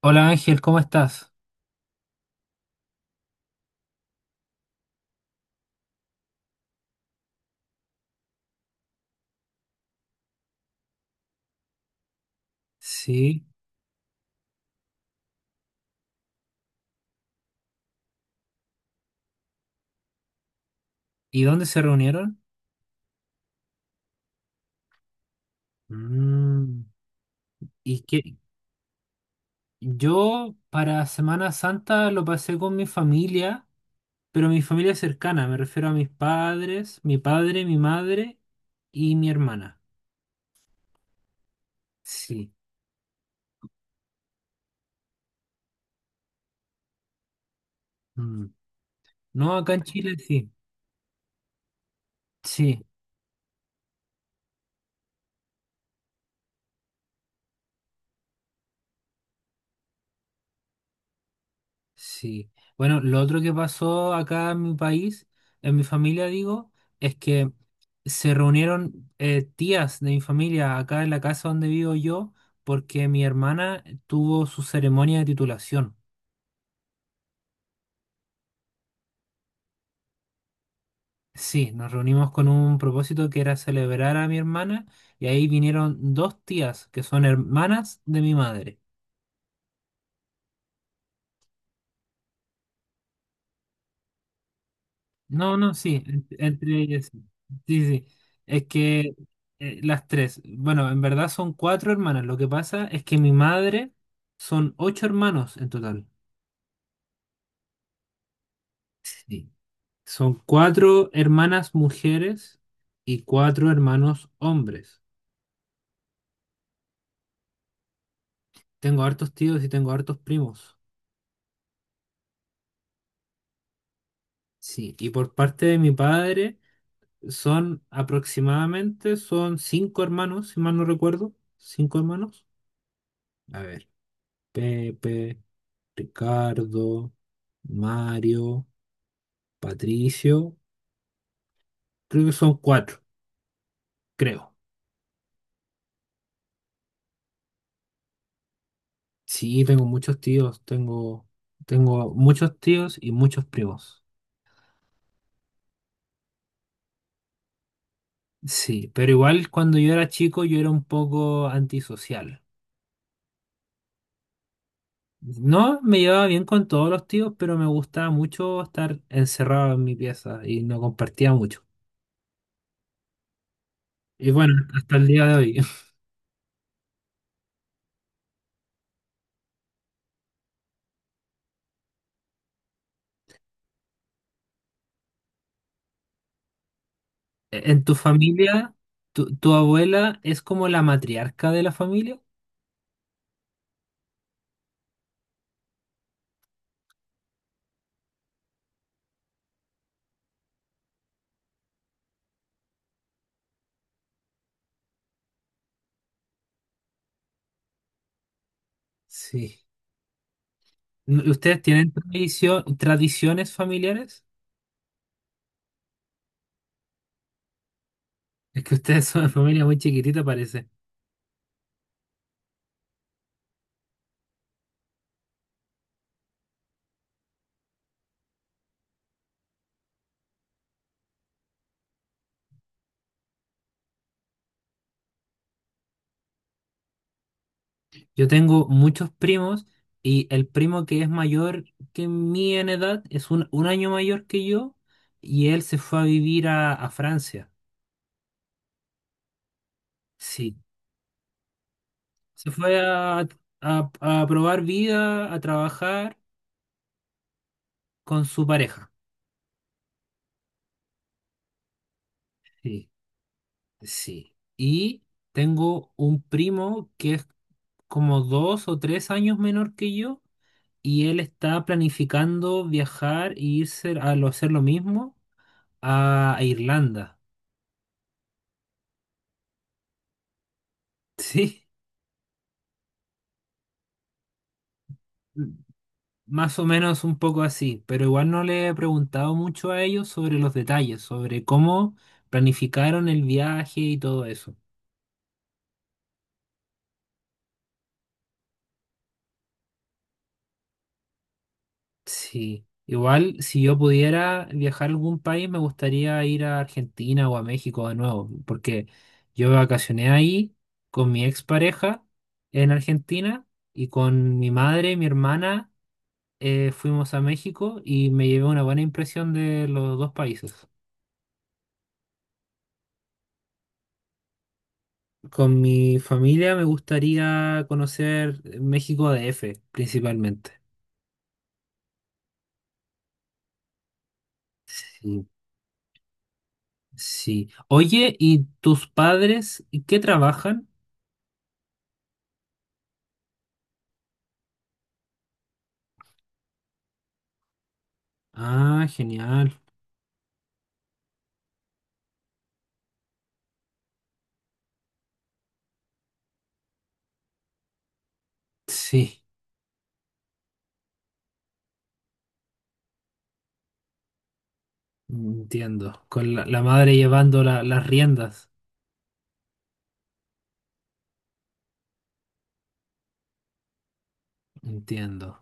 Hola Ángel, ¿cómo estás? Sí. ¿Y dónde se reunieron? Mm, Y que yo para Semana Santa lo pasé con mi familia, pero mi familia cercana, me refiero a mis padres, mi padre, mi madre y mi hermana. Sí. Mm. No, acá en Chile sí. Sí. Sí. Bueno, lo otro que pasó acá en mi país, en mi familia digo, es que se reunieron tías de mi familia acá en la casa donde vivo yo, porque mi hermana tuvo su ceremonia de titulación. Sí, nos reunimos con un propósito que era celebrar a mi hermana y ahí vinieron dos tías que son hermanas de mi madre. No, no, sí, entre ellas. Sí, sí, sí. Es que las tres, bueno, en verdad son cuatro hermanas. Lo que pasa es que mi madre son ocho hermanos en total. Sí. Son cuatro hermanas mujeres y cuatro hermanos hombres. Tengo hartos tíos y tengo hartos primos. Sí, y por parte de mi padre son aproximadamente, son cinco hermanos, si mal no recuerdo. Cinco hermanos. A ver. Pepe. Ricardo, Mario, Patricio. Creo que son cuatro, creo. Sí, tengo muchos tíos, tengo muchos tíos y muchos primos. Sí, pero igual cuando yo era chico yo era un poco antisocial. No me llevaba bien con todos los tíos, pero me gustaba mucho estar encerrado en mi pieza y no compartía mucho. Y bueno, hasta el día de hoy. ¿En tu familia, tu abuela es como la matriarca de la familia? Sí. ¿Ustedes tienen tradiciones familiares? Es que ustedes son una familia muy chiquitita, parece. Yo tengo muchos primos y el primo que es mayor que mí en edad es un año mayor que yo y él se fue a vivir a Francia. Sí, se fue a, a probar vida, a trabajar con su pareja. Sí, sí. Y tengo un primo que es como 2 o 3 años menor que yo y él está planificando viajar e irse a hacer lo mismo a Irlanda. Sí, más o menos un poco así, pero igual no le he preguntado mucho a ellos sobre los detalles, sobre cómo planificaron el viaje y todo eso. Sí, igual si yo pudiera viajar a algún país me gustaría ir a Argentina o a México de nuevo, porque yo vacacioné ahí con mi expareja en Argentina y con mi madre, mi hermana fuimos a México y me llevé una buena impresión de los dos países. Con mi familia me gustaría conocer México DF principalmente. Sí, sí. Oye, ¿y tus padres qué trabajan? Ah, genial. Sí, entiendo. Con la madre llevando las riendas. Entiendo.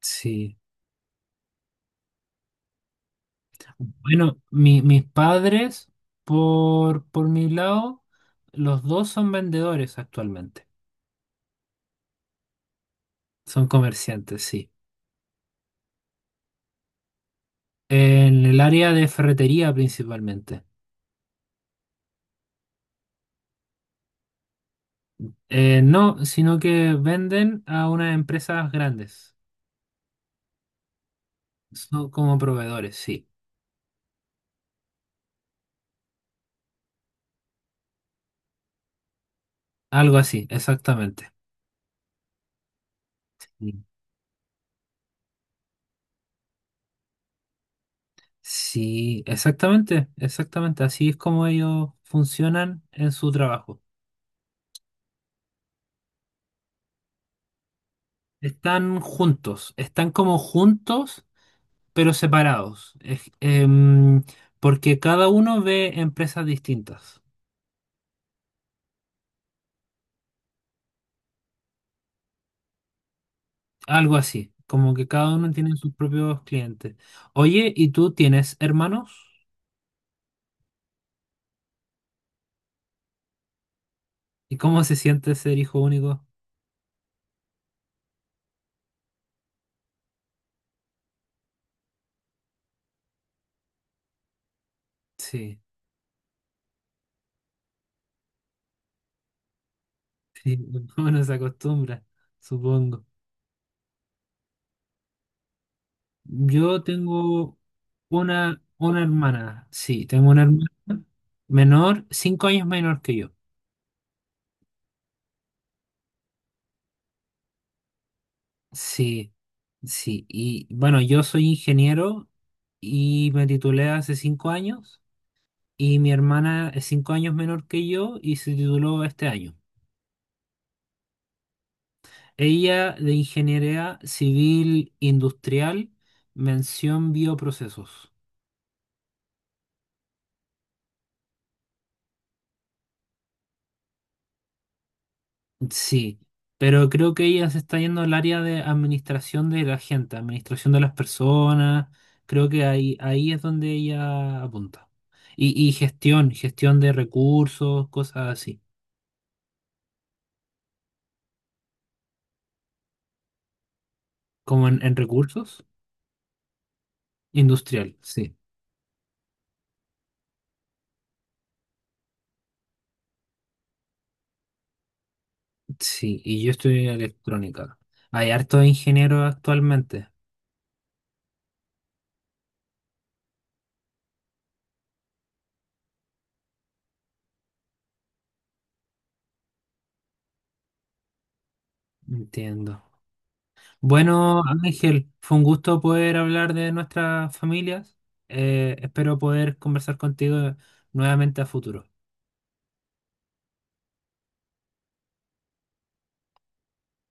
Sí. Bueno, mis padres, por mi lado, los dos son vendedores actualmente. Son comerciantes, sí. En el área de ferretería principalmente. No, sino que venden a unas empresas grandes. Son como proveedores, sí. Algo así, exactamente. Sí, sí, exactamente, exactamente. Así es como ellos funcionan en su trabajo. Están juntos, están como juntos, pero separados. Porque cada uno ve empresas distintas. Algo así, como que cada uno tiene sus propios clientes. Oye, ¿y tú tienes hermanos? ¿Y cómo se siente ser hijo único? Sí, sí, uno se acostumbra, supongo. Yo tengo una hermana, sí, tengo una hermana menor, 5 años menor que yo. Sí, sí. Y bueno, yo soy ingeniero y me titulé hace 5 años y mi hermana es 5 años menor que yo y se tituló este año. Ella de Ingeniería Civil Industrial, mención bioprocesos. Sí, pero creo que ella se está yendo al área de administración de la gente, administración de las personas. Creo que ahí es donde ella apunta. Y gestión de recursos, cosas así. Como en recursos, industrial, sí. Sí, y yo estoy en electrónica. Hay hartos ingenieros actualmente. Entiendo. Bueno, Ángel, fue un gusto poder hablar de nuestras familias. Espero poder conversar contigo nuevamente a futuro.